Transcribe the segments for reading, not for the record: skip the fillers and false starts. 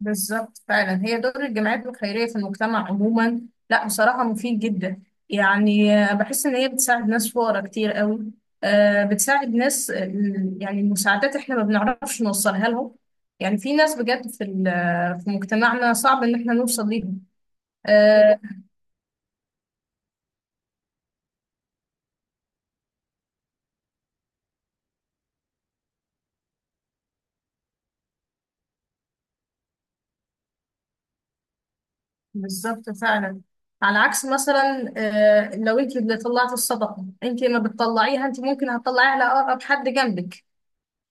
بالظبط فعلا هي دور الجمعيات الخيرية في المجتمع عموما. لا، بصراحة مفيد جدا. يعني بحس إن هي بتساعد ناس فقراء كتير قوي. بتساعد ناس. يعني المساعدات إحنا ما بنعرفش نوصلها لهم. يعني في ناس بجد في ال- آه، في مجتمعنا صعب إن إحنا نوصل ليهم. آه، بالظبط فعلا. على عكس مثلا لو أنت اللي طلعت الصدقة أنت ما بتطلعيها، أنت ممكن هتطلعيها لأقرب حد جنبك،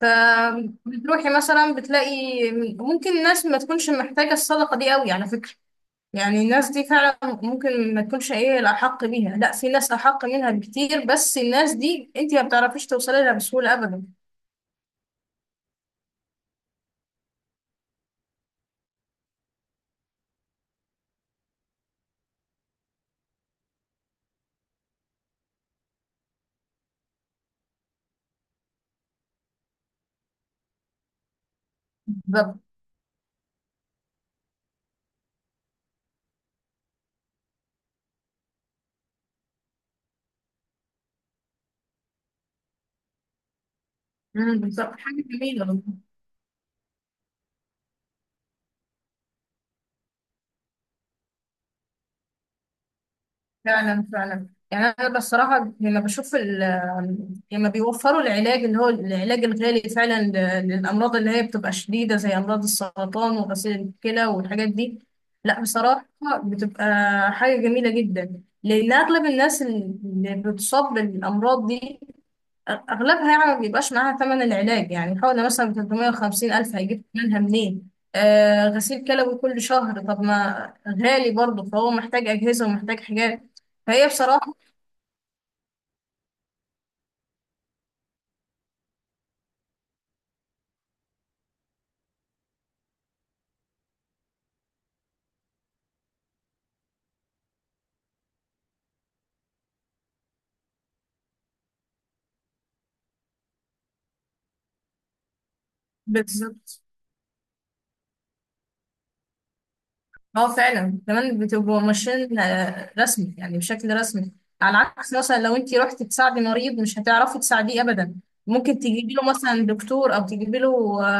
فبتروحي مثلا بتلاقي ممكن الناس ما تكونش محتاجة الصدقة دي قوي، على فكرة. يعني الناس دي فعلا ممكن ما تكونش ايه الأحق بيها، لا، في ناس أحق منها بكتير، بس الناس دي انت ما بتعرفيش توصلي لها بسهولة أبدا. بالظبط. مم، بالظبط. حاجة جميلة والله. فعلا فعلا، يعني انا بصراحه لما بشوف لما بيوفروا العلاج اللي هو العلاج الغالي، فعلا للامراض اللي هي بتبقى شديده، زي امراض السرطان وغسيل الكلى والحاجات دي. لا، بصراحه بتبقى حاجه جميله جدا، لان اغلب الناس اللي بتصاب بالامراض دي أغلبها يعني ما بيبقاش معاها ثمن العلاج، يعني حوالي مثلا 350 ألف، هيجيب ثمنها منين؟ غسيل كلوي كل شهر، طب ما غالي برضه، فهو محتاج أجهزة ومحتاج حاجات. فهي بصراحة. بالظبط. اه فعلا، كمان بتبقوا ماشيين رسمي، يعني بشكل رسمي، على عكس مثلا لو انت رحتي تساعدي مريض مش هتعرفي تساعديه ابدا، ممكن تجيبي له مثلا دكتور او تجيبي له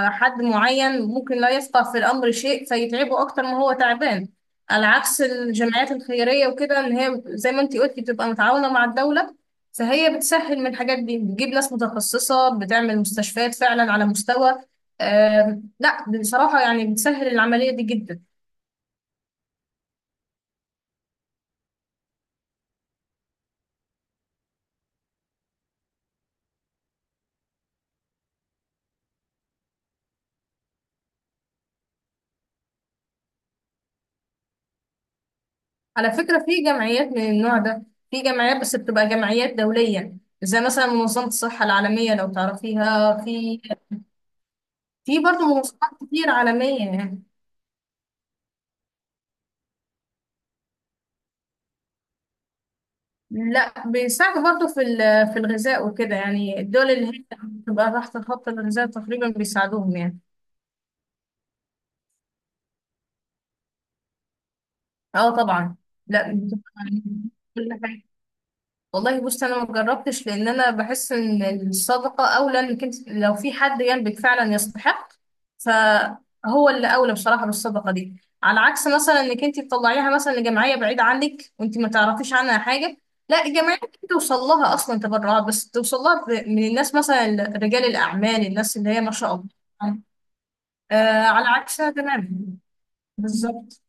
حد معين ممكن لا يفقه في الامر شيء، فيتعبه اكتر ما هو تعبان. على عكس الجمعيات الخيريه وكده، ان هي زي ما انت قلتي بتبقى متعاونه مع الدوله، فهي بتسهل من الحاجات دي، بتجيب ناس متخصصه، بتعمل مستشفيات فعلا على مستوى. لا، بصراحه يعني بتسهل العمليه دي جدا. على فكرة في جمعيات من النوع ده، في جمعيات بس بتبقى جمعيات دولية، زي مثلا منظمة الصحة العالمية لو تعرفيها. في برضه منظمات كتير عالمية يعني. لا، بيساعدوا برضه في الغذاء وكده، يعني الدول اللي هي بتبقى تحت خط الغذاء تقريبا بيساعدوهم يعني. اه طبعا. لا، بتبقى يعني كل حاجة. والله بص، انا ما جربتش لان انا بحس ان الصدقه اولى، انك انت لو في حد جنبك فعلا يستحق، فهو اللي اولى بصراحه بالصدقه دي، على عكس مثلا انك انت تطلعيها مثلا لجمعيه بعيده عنك وانت ما تعرفيش عنها حاجه. لا، الجمعيه ممكن توصل لها اصلا تبرعات، بس توصل لها من الناس مثلا، رجال الاعمال، الناس اللي هي ما شاء الله. على عكسها تماما. بالظبط.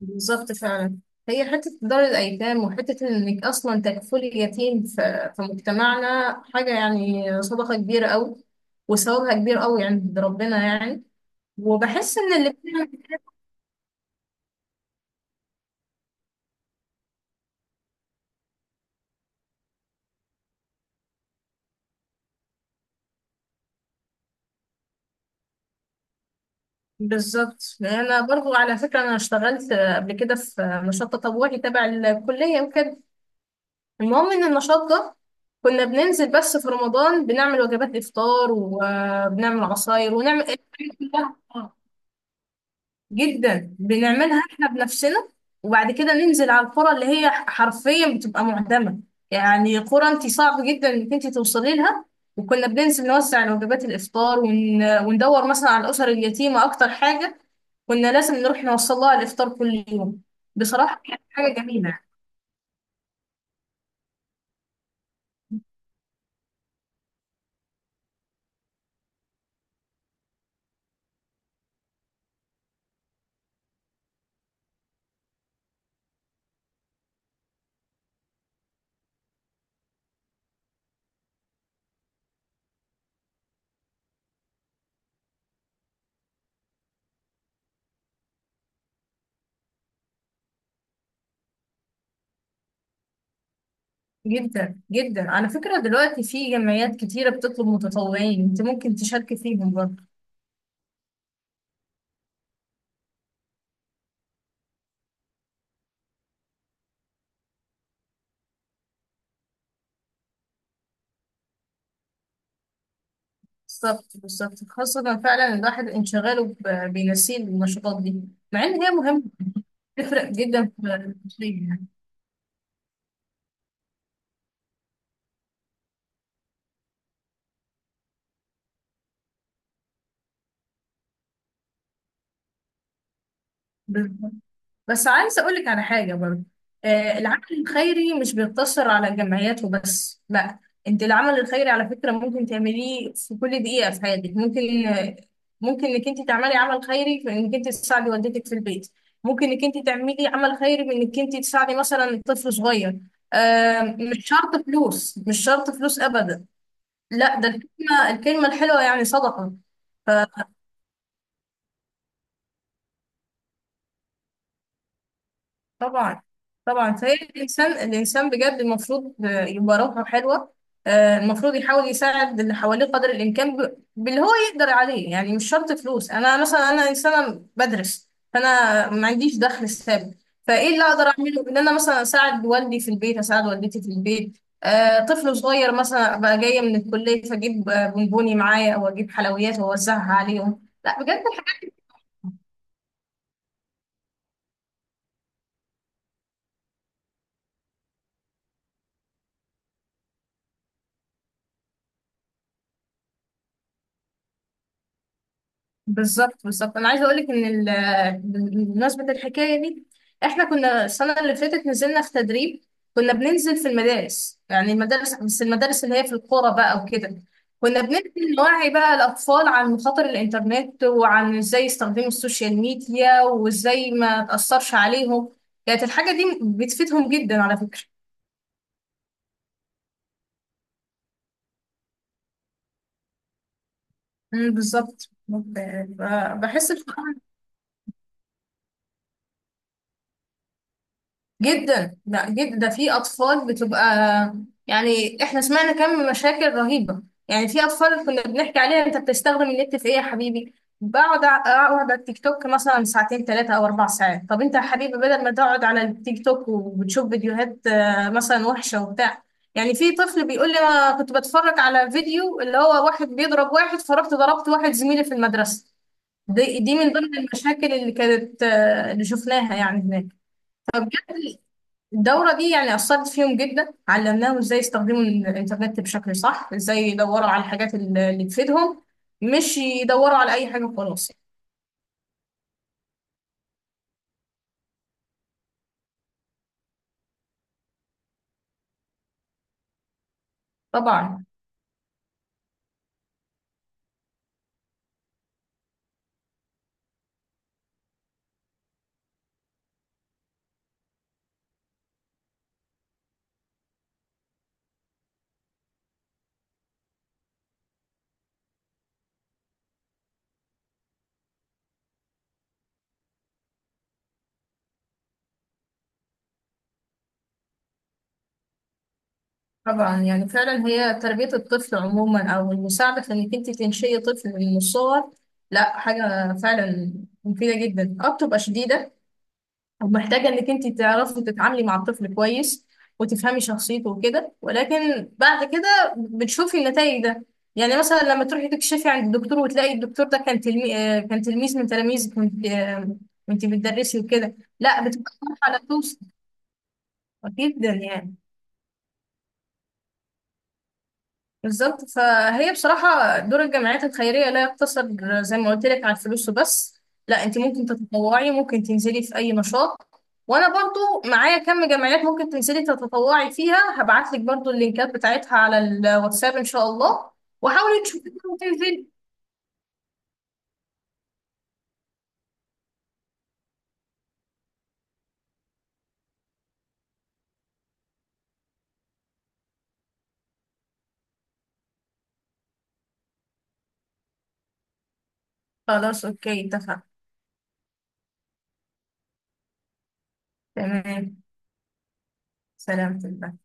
بالظبط فعلا، هي حتة دار الأيتام، وحتة إنك أصلا تكفلي يتيم في مجتمعنا، حاجة يعني صدقة كبيرة أوي، وثوابها كبير أوي عند ربنا يعني. وبحس إن اللي بتعمل. بالظبط. يعني أنا برضو على فكرة أنا اشتغلت قبل كده في نشاط تطوعي تبع الكلية وكده. المهم إن النشاط ده، كنا بننزل بس في رمضان، بنعمل وجبات إفطار وبنعمل عصاير ونعمل. جدا، بنعملها احنا بنفسنا. وبعد كده ننزل على القرى اللي هي حرفيا بتبقى معدمة، يعني قرى انت صعب جدا انك انت توصلي لها، وكنا بننزل نوزع وجبات الافطار وندور مثلا على الاسر اليتيمة، اكتر حاجة كنا لازم نروح نوصل لها الافطار كل يوم. بصراحة كانت حاجة جميلة. جدا جدا، على فكرة دلوقتي في جمعيات كتيرة بتطلب متطوعين، انت ممكن تشاركي فيهم برضه. بالظبط بالظبط، خاصة فعلا الواحد انشغاله بينسيه النشاطات دي، مع ان هي مهمة، بتفرق جدا في الشخصية، يعني. بس عايزة أقولك على حاجة برضه، العمل الخيري مش بيقتصر على الجمعيات وبس، لا، انت العمل الخيري على فكرة ممكن تعمليه في كل دقيقة في حياتك، ممكن انك انت تعملي عمل خيري في انك انت تساعدي والدتك في البيت، ممكن انك انت تعملي عمل خيري بانك انت تساعدي مثلا طفل صغير. مش شرط فلوس، مش شرط فلوس ابدا، لا، ده الكلمة الحلوة يعني صدقة. طبعا. طبعا، فهي الانسان الانسان بجد المفروض يبقى روحه حلوه. المفروض يحاول يساعد اللي حواليه قدر الامكان باللي هو يقدر عليه، يعني مش شرط فلوس. انا مثلا انا انسانه بدرس، فانا ما عنديش دخل ثابت، فايه اللي اقدر اعمله؟ ان انا مثلا اساعد والدي في البيت، اساعد والدتي في البيت، طفل صغير مثلا، ابقى جايه من الكليه فاجيب بونبوني معايا او اجيب حلويات واوزعها عليهم. لا، بجد. بالظبط بالظبط، انا عايزه اقول لك ان بمناسبه الحكايه دي، احنا كنا السنه اللي فاتت نزلنا في تدريب، كنا بننزل في المدارس، يعني المدارس، بس المدارس اللي هي في القرى بقى وكده. كنا بننزل نوعي بقى الاطفال عن مخاطر الانترنت، وعن ازاي يستخدموا السوشيال ميديا وازاي ما تاثرش عليهم. كانت الحاجه دي بتفيدهم جدا على فكره. أمم، بالظبط. بحس بصراحة. جدا، لا جدا، ده في اطفال بتبقى، يعني احنا سمعنا كم مشاكل رهيبه. يعني في اطفال كنا بنحكي عليها: انت بتستخدم النت في ايه يا حبيبي؟ بقعد اقعد على التيك توك مثلا ساعتين ثلاثه او اربع ساعات. طب انت يا حبيبي، بدل ما تقعد على التيك توك وبتشوف فيديوهات مثلا وحشه وبتاع. يعني في طفل بيقول لي: انا كنت بتفرج على فيديو اللي هو واحد بيضرب واحد، فرحت ضربت واحد زميلي في المدرسه. دي من ضمن المشاكل اللي كانت، اللي شفناها يعني، هناك. الدورة دي يعني أثرت فيهم جدا، علمناهم إزاي يستخدموا الإنترنت بشكل صح، إزاي يدوروا على الحاجات اللي تفيدهم، مش يدوروا على أي حاجة وخلاص. طبعا. طبعا يعني، فعلا هي تربية الطفل عموما أو المساعدة في إنك أنت تنشئي طفل من الصغر، لا، حاجة فعلا مفيدة جدا، أه بتبقى شديدة، ومحتاجة انك انت تعرفي تتعاملي مع الطفل كويس وتفهمي شخصيته وكده، ولكن بعد كده بتشوفي النتائج ده. يعني مثلا لما تروحي تكشفي عند الدكتور وتلاقي الدكتور ده كان تلميذ من تلاميذك، وانت بتدرسي وكده، لا، بتبقى فرحة لا توصف. أكيد جدا يعني. بالظبط، فهي بصراحة دور الجمعيات الخيرية لا يقتصر زي ما قلت لك على الفلوس وبس، لا، انت ممكن تتطوعي، ممكن تنزلي في اي نشاط، وانا برضو معايا كم جمعيات ممكن تنزلي تتطوعي فيها، هبعت لك برضو اللينكات بتاعتها على الواتساب ان شاء الله. وحاولي تشوفيها وتنزلي. خلاص، اوكي، اتفقنا. تمام. سلام.